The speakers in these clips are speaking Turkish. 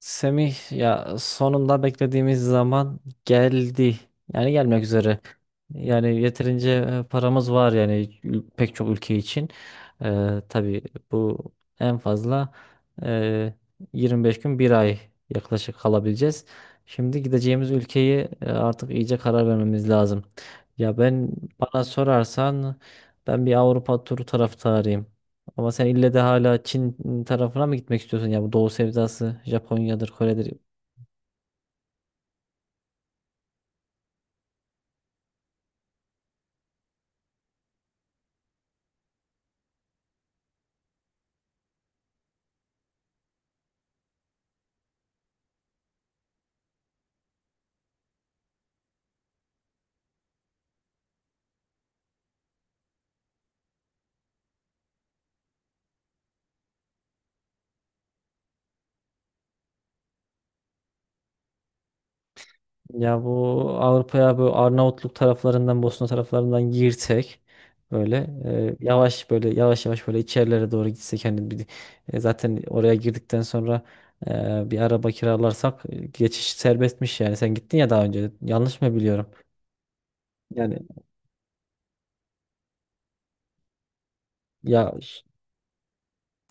Semih, ya sonunda beklediğimiz zaman geldi. Yani gelmek üzere. Yani yeterince paramız var, yani pek çok ülke için. Tabii bu en fazla e, 25 gün bir ay yaklaşık kalabileceğiz. Şimdi gideceğimiz ülkeyi artık iyice karar vermemiz lazım. Ben bana sorarsan ben bir Avrupa turu taraftarıyım. Ama sen ille de hala Çin tarafına mı gitmek istiyorsun? Ya bu Doğu sevdası Japonya'dır, Kore'dir. Ya bu Avrupa'ya bu Arnavutluk taraflarından, Bosna taraflarından girsek böyle, yavaş böyle yavaş yavaş böyle içerilere doğru gitsek, hani zaten oraya girdikten sonra bir araba kiralarsak, geçiş serbestmiş yani. Sen gittin ya daha önce. Yanlış mı biliyorum? Yani ya, ş-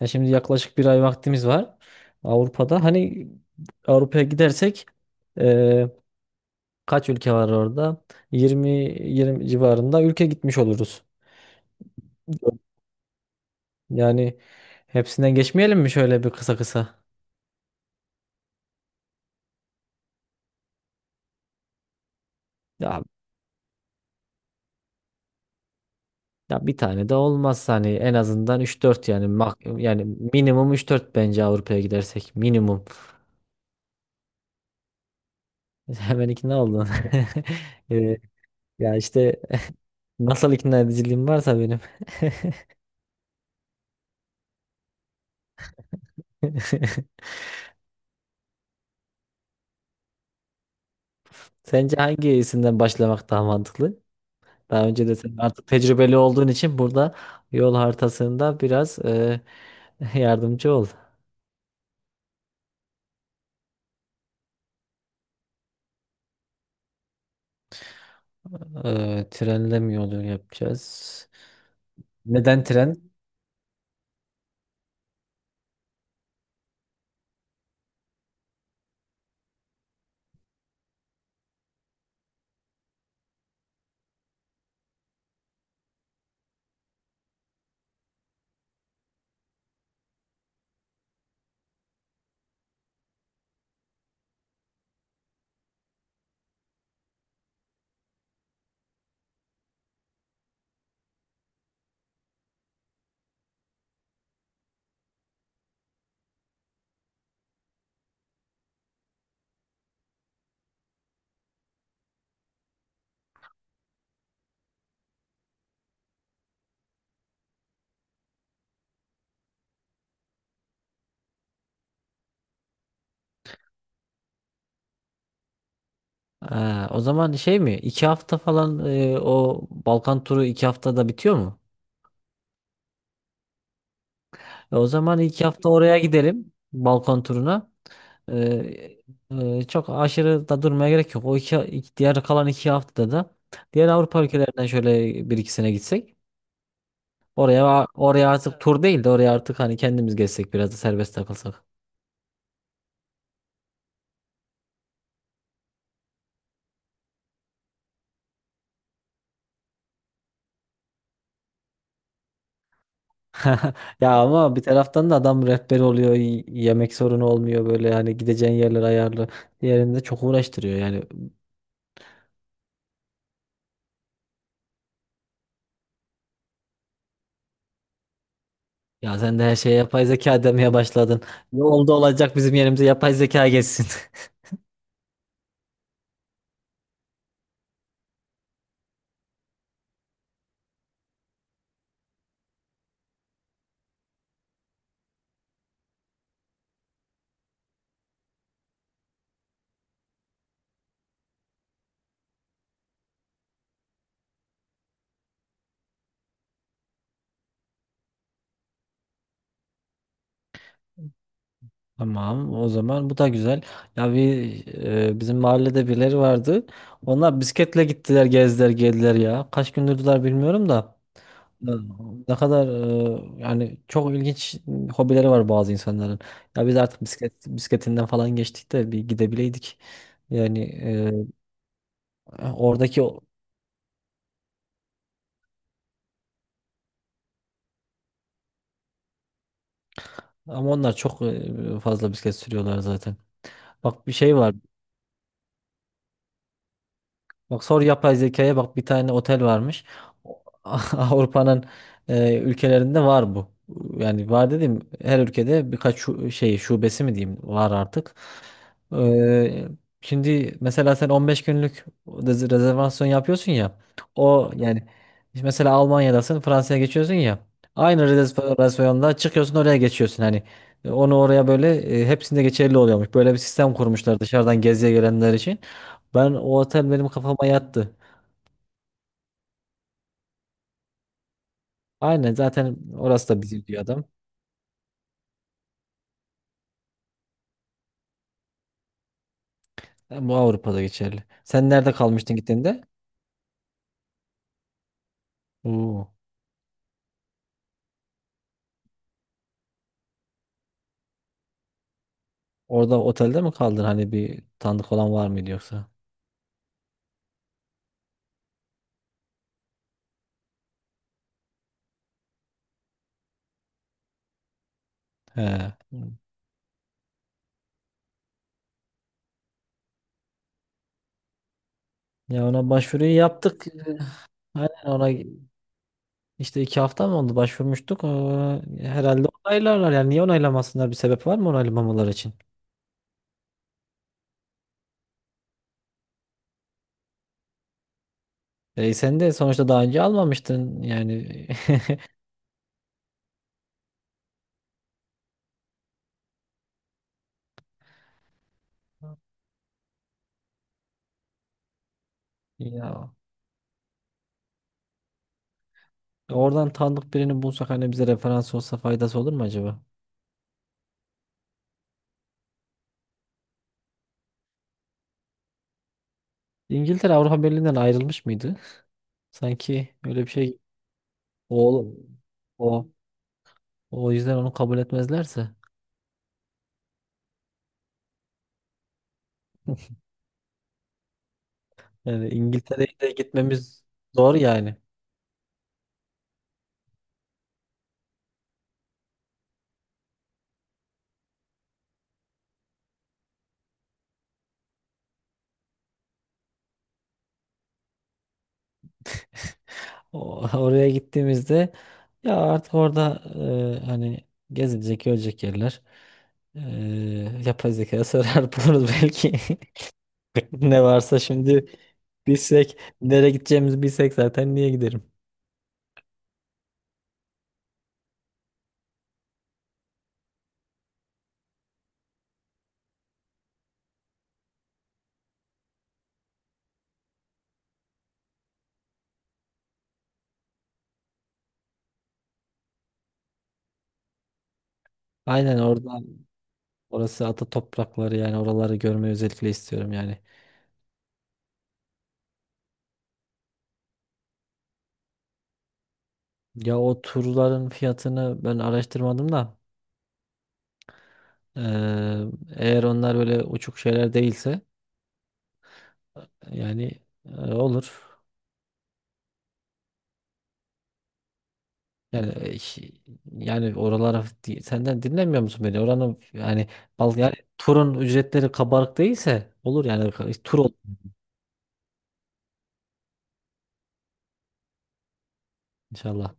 ya şimdi yaklaşık bir ay vaktimiz var Avrupa'da. Hani Avrupa'ya gidersek e, kaç ülke var orada? 20 20 civarında ülke gitmiş oluruz. Yani hepsinden geçmeyelim mi şöyle bir kısa kısa? Ya ya bir tane de olmaz, hani en azından üç dört, yani minimum üç dört bence Avrupa'ya gidersek minimum. Hemen ikna oldun. Ee, Ya işte nasıl ikna ediciliğim varsa benim. Sence hangisinden başlamak daha mantıklı? Daha önce de sen artık tecrübeli olduğun için burada yol haritasında biraz yardımcı ol. Trenle mi yolculuk yapacağız? Neden tren? Aa, o zaman şey mi? İki hafta falan o Balkan turu iki haftada bitiyor mu? O zaman iki hafta oraya gidelim. Balkan turuna. E, Çok aşırı da durmaya gerek yok. Diğer kalan iki haftada da diğer Avrupa ülkelerinden şöyle bir ikisine gitsek. Oraya artık tur değil de oraya artık hani kendimiz gezsek, biraz da serbest takılsak. Ya ama bir taraftan da adam rehber oluyor, yemek sorunu olmuyor böyle, yani gideceğin yerler ayarlı. Diğerinde çok uğraştırıyor yani. Ya sen de her şeye yapay zeka demeye başladın. Ne oldu, olacak bizim yerimize yapay zeka geçsin. Tamam, o zaman bu da güzel. Ya bir Bizim mahallede birileri vardı. Onlar bisikletle gittiler, gezdiler, geldiler ya. Kaç gündürdüler bilmiyorum da. Evet. Ne kadar, yani çok ilginç hobileri var bazı insanların. Ya biz artık bisiklet bisikletinden falan geçtik de bir gidebileydik. Yani e, oradaki o- Ama onlar çok, fazla bisiklet sürüyorlar zaten. Bak bir şey var. Bak, sor yapay zekaya, bak bir tane otel varmış. O- Avrupa'nın ülkelerinde var bu. Yani var dedim, her ülkede birkaç şey şubesi mi diyeyim var artık. Ee, Şimdi mesela sen 15 günlük rezervasyon yapıyorsun ya. O yani işte mesela Almanya'dasın, Fransa'ya geçiyorsun ya. Aynı rezervasyonda çıkıyorsun, oraya geçiyorsun hani. Onu oraya böyle, hepsinde geçerli oluyormuş. Böyle bir sistem kurmuşlar dışarıdan geziye gelenler için. Ben o otel, benim kafama yattı. Aynen, zaten orası da bizim diyor adam. Ha, bu Avrupa'da geçerli. Sen nerede kalmıştın gittiğinde? Oo. Orada otelde mi kaldın? Hani bir tanıdık olan var mıydı yoksa? He. Ya ona başvuruyu yaptık. Aynen, ona işte iki hafta mı oldu başvurmuştuk. Herhalde onaylarlar. Yani niye onaylamasınlar? Bir sebep var mı onaylamamaları için? E, sen de sonuçta daha önce almamıştın. Yani ya oradan tanıdık birini bulsak, hani bize referans olsa faydası olur mu acaba? İngiltere Avrupa Birliği'nden ayrılmış mıydı? Sanki öyle bir şey, o o o yüzden onu kabul etmezlerse yani İngiltere'ye de gitmemiz zor yani. Oraya gittiğimizde ya artık orada, hani gezilecek, görecek yerler. E, Yapay zekaya sorar buluruz belki. Ne varsa şimdi bilsek, nereye gideceğimizi bilsek zaten niye giderim? Aynen orada, orası ata toprakları, yani oraları görmeyi özellikle istiyorum yani. Ya o turların fiyatını ben araştırmadım da eee, eğer onlar böyle uçuk şeyler değilse yani, olur. Yani e, şi- Yani oralara senden dinlemiyor musun beni? Oranın yani, yani turun ücretleri kabarık değilse olur yani. Tur olur inşallah.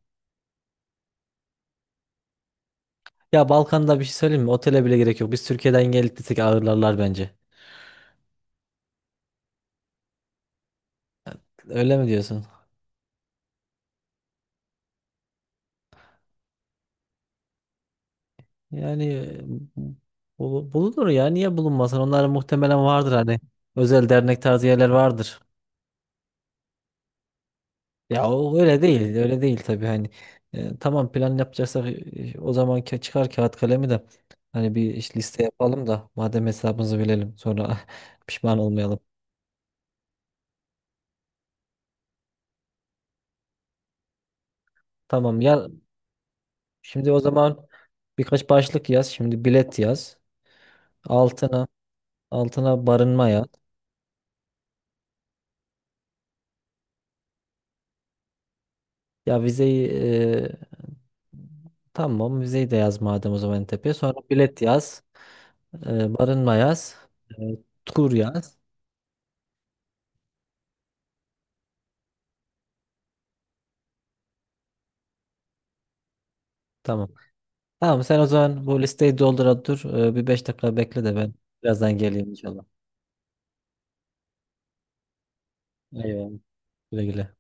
Ya Balkan'da bir şey söyleyeyim mi? Otele bile gerek yok. Biz Türkiye'den gelip gitsek ağırlarlar bence. Öyle mi diyorsun? Yani Bulunur ya, niye bulunmasın? Onlar muhtemelen vardır, hani özel dernek tarzı yerler vardır. Ya o öyle değil, öyle değil tabii hani. E, tamam, plan yapacaksak o zaman çıkar kağıt kalemi de hani bir iş liste yapalım da, madem hesabımızı bilelim, sonra pişman olmayalım. Tamam ya, şimdi o zaman birkaç başlık yaz. Şimdi bilet yaz. Altına altına barınma yaz. Ya vizeyi e, Tamam, vizeyi de yaz madem, o zaman en tepeye. Sonra bilet yaz. E, barınma yaz. E, tur yaz. Tamam. Tamam, sen o zaman bu listeyi doldura dur. E, bir 5 dakika bekle de ben birazdan geleyim inşallah. Eyvallah. Güle güle.